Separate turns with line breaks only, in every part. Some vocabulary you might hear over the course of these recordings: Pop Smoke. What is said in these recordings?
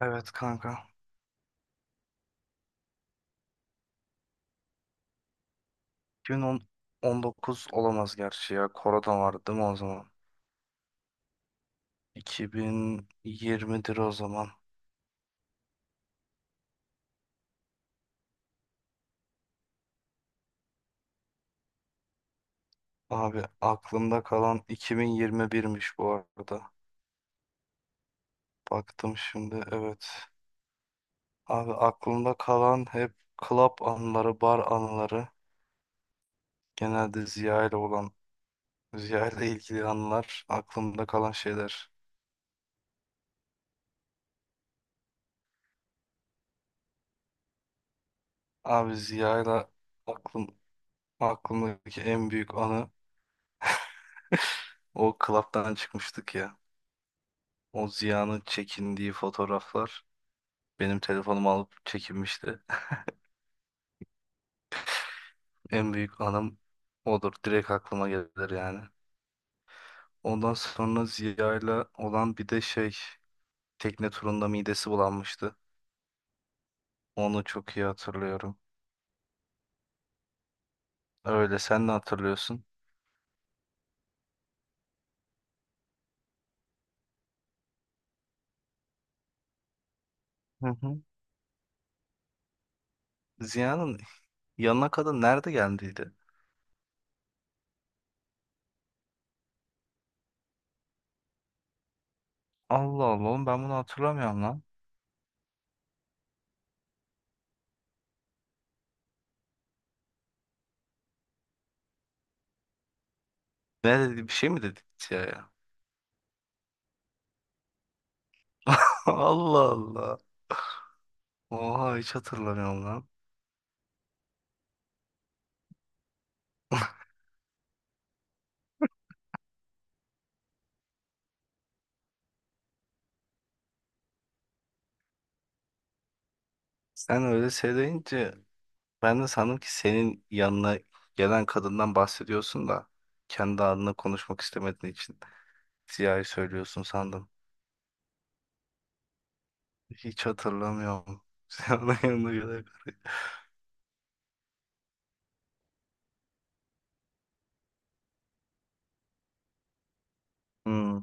Evet kanka. 2019 olamaz gerçi ya. Korona vardı değil mi o zaman? 2020'dir o zaman. Abi aklımda kalan 2021'miş bu arada. Baktım şimdi evet. Abi aklımda kalan hep club anıları, bar anıları. Genelde Ziya ile olan, Ziya ile ilgili anılar. Aklımda kalan şeyler. Abi Ziya ile aklım, aklımdaki en büyük anı o club'dan çıkmıştık ya. O Ziya'nın çekindiği fotoğraflar benim telefonumu alıp çekinmişti. En büyük anım odur. Direkt aklıma gelir yani. Ondan sonra Ziya'yla olan bir de şey tekne turunda midesi bulanmıştı. Onu çok iyi hatırlıyorum. Öyle sen ne hatırlıyorsun? Hı hı. Ziya'nın yanına kadın nerede geldiydi? Allah Allah oğlum ben bunu hatırlamıyorum lan. Ne dedi bir şey mi dedi Ziya'ya? Allah Allah. Oha hiç hatırlamıyorum lan. Sen öyle söyleyince ben de sandım ki senin yanına gelen kadından bahsediyorsun da kendi adına konuşmak istemediğin için Ziya'yı söylüyorsun sandım. Hiç hatırlamıyorum. Ziya'nın yanına gelen. Hmm.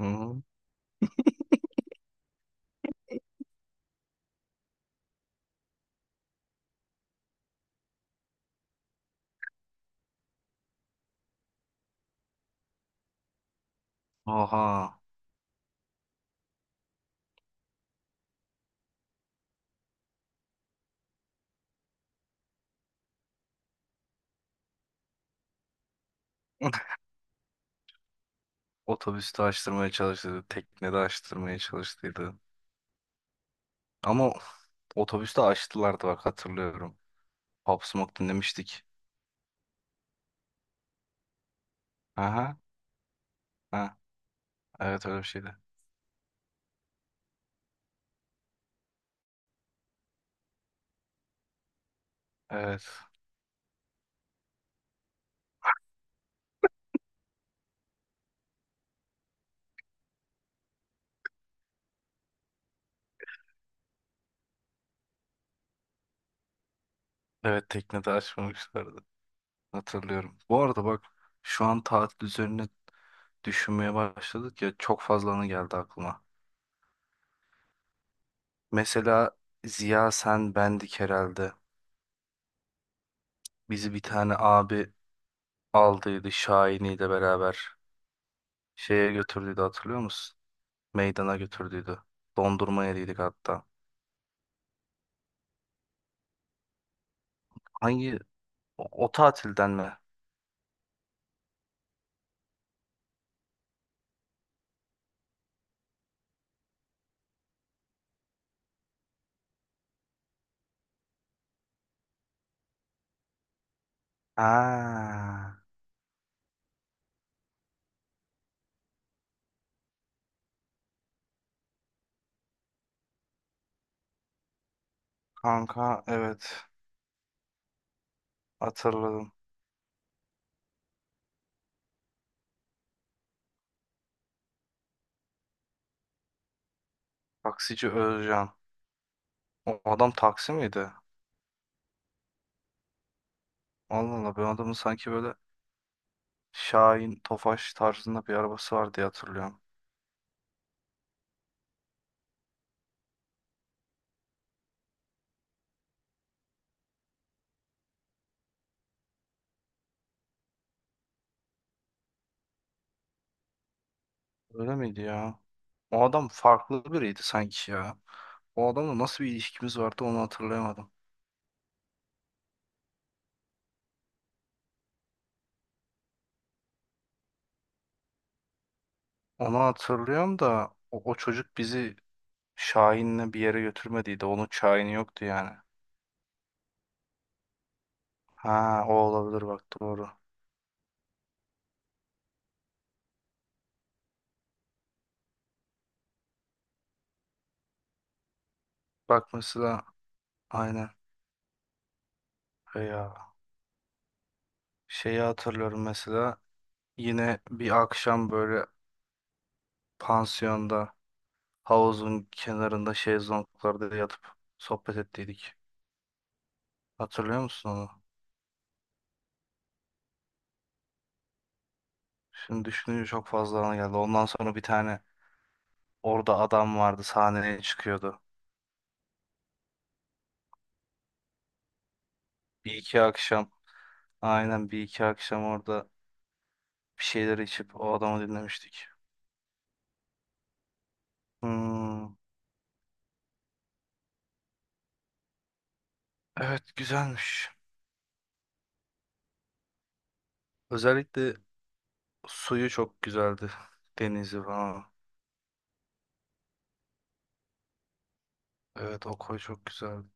Hı. Aha. Otobüste açtırmaya çalıştıydı. Teknede açtırmaya çalıştıydı. Ama otobüste açtılardı bak hatırlıyorum. Pop Smoke dinlemiştik. Aha. Ha. Evet öyle bir şeydi. Evet. Evet teknede açmamışlardı. Hatırlıyorum. Bu arada bak şu an tatil üzerine düşünmeye başladık ya çok fazla anı geldi aklıma. Mesela Ziya sen bendik herhalde. Bizi bir tane abi aldıydı Şahini'yle beraber. Şeye götürdüydü hatırlıyor musun? Meydana götürdüydü. Dondurma yediydik hatta. Hangi o tatilden mi? Ha, kanka evet hatırladım. Taksici Özcan. O adam taksi miydi? Allah Allah ben adamı sanki böyle Şahin Tofaş tarzında bir arabası var diye hatırlıyorum. Öyle miydi ya? O adam farklı biriydi sanki ya. O adamla nasıl bir ilişkimiz vardı onu hatırlayamadım. Onu hatırlıyorum da o çocuk bizi Şahin'le bir yere götürmediydi. Onun Şahin'i yoktu yani. Ha o olabilir bak doğru. Bak mesela aynen. E ya şeyi hatırlıyorum mesela yine bir akşam böyle pansiyonda havuzun kenarında şezlonglarda yatıp sohbet ettiydik. Hatırlıyor musun onu? Şimdi düşününce çok fazla ana geldi. Ondan sonra bir tane orada adam vardı sahneye çıkıyordu. Bir iki akşam aynen Bir iki akşam orada bir şeyler içip o adamı dinlemiştik. Hmm, evet güzelmiş. Özellikle suyu çok güzeldi. Denizi falan. Evet o koy çok güzeldi.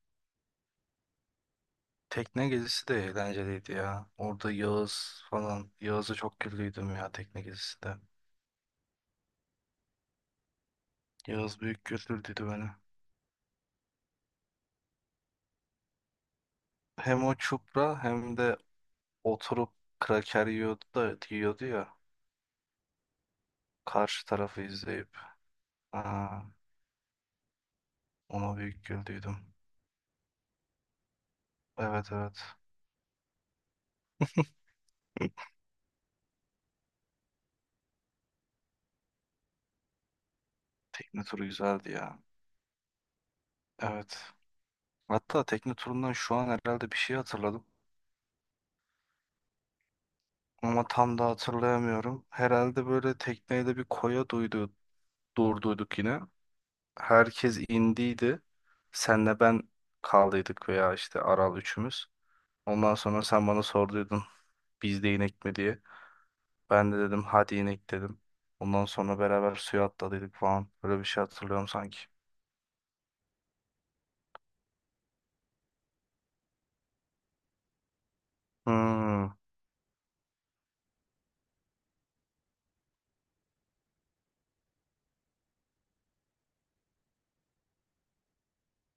Tekne gezisi de eğlenceliydi ya. Orada Yağız falan. Yağız'a çok güldüydüm ya tekne gezisi de. Yağız büyük güldürdüydü beni. Hem o çupra hem de oturup kraker yiyordu da yiyordu ya karşı tarafı izleyip. Aa, ona büyük güldüydüm. Evet evet. Tekne turu güzeldi ya. Evet. Hatta tekne turundan şu an herhalde bir şey hatırladım. Ama tam da hatırlayamıyorum. Herhalde böyle tekneyle bir durduyduk yine. Herkes indiydi. Senle ben kaldıydık veya işte Aral üçümüz. Ondan sonra sen bana sorduydun biz de inek mi diye. Ben de dedim hadi inek dedim. Ondan sonra beraber suya atladıydık falan. Böyle bir şey hatırlıyorum sanki. Hmm,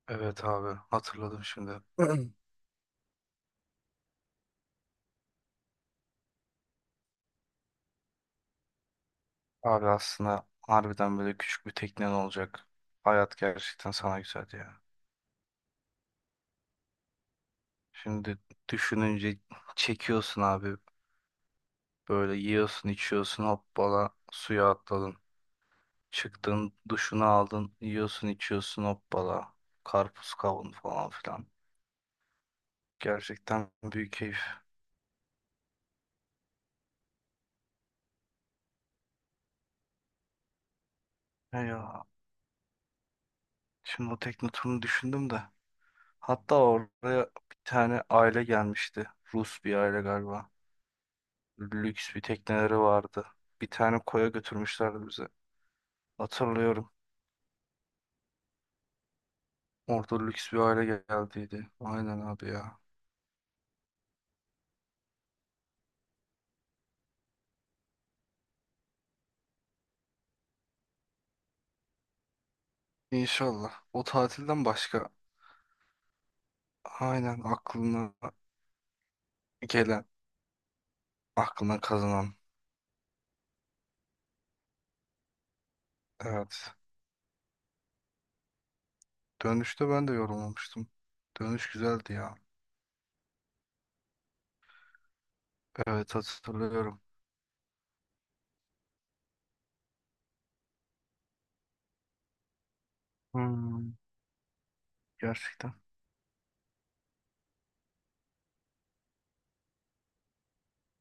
evet abi hatırladım şimdi. Abi aslında harbiden böyle küçük bir teknen olacak. Hayat gerçekten sana güzel ya. Şimdi düşününce çekiyorsun abi. Böyle yiyorsun içiyorsun hoppala suya atladın. Çıktın duşunu aldın yiyorsun içiyorsun hoppala. Karpuz kavun falan filan. Gerçekten büyük keyif. Eyvah. Şimdi o Teknotur'u düşündüm de. Hatta oraya bir tane aile gelmişti. Rus bir aile galiba. Lüks bir tekneleri vardı. Bir tane koya götürmüşlerdi bize. Hatırlıyorum. Orada lüks bir aile geldiydi. Aynen abi ya. İnşallah. O tatilden başka aynen aklına gelen, aklına kazanan. Evet. Dönüşte ben de yorulmamıştım. Dönüş güzeldi ya. Evet hatırlıyorum. Hmm, gerçekten.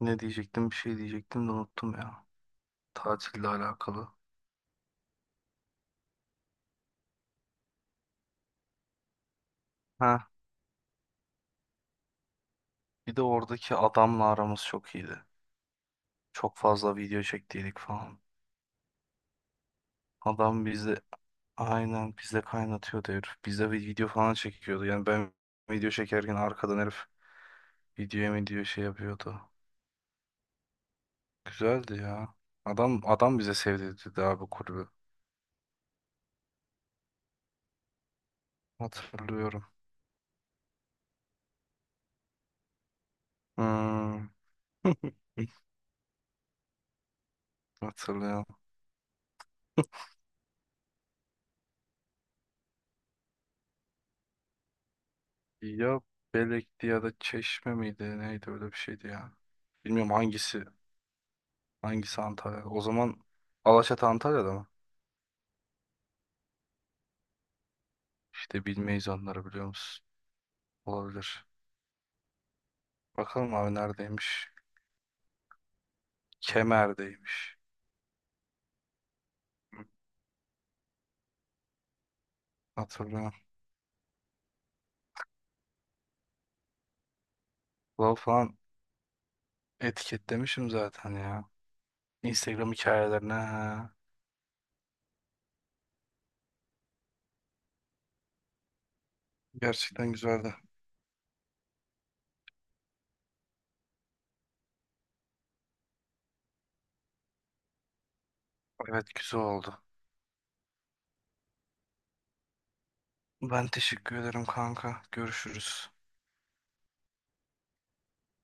Ne diyecektim? Bir şey diyecektim de unuttum ya. Tatille alakalı. Ha, bir de oradaki adamla aramız çok iyiydi. Çok fazla video çektiydik falan. Adam bizde aynen bizde kaynatıyordu herif. Bizde bir video falan çekiyordu. Yani ben video çekerken arkadan herif videoya mı diyor şey yapıyordu. Güzeldi ya. Adam bize sevdirdi abi kulübü. Hatırlıyorum. Hmm, hatırlıyorum. Ya Belek'ti ya da Çeşme miydi? Neydi öyle bir şeydi ya. Bilmiyorum hangisi. Hangisi Antalya? O zaman Alaçatı Antalya'da mı? İşte bilmeyiz onları biliyor musun? Olabilir. Bakalım abi neredeymiş? Kemer'deymiş. Hatırlıyorum. Lol falan etiketlemişim zaten ya. Instagram hikayelerine. Ha. Gerçekten güzeldi. Evet güzel oldu. Ben teşekkür ederim kanka. Görüşürüz.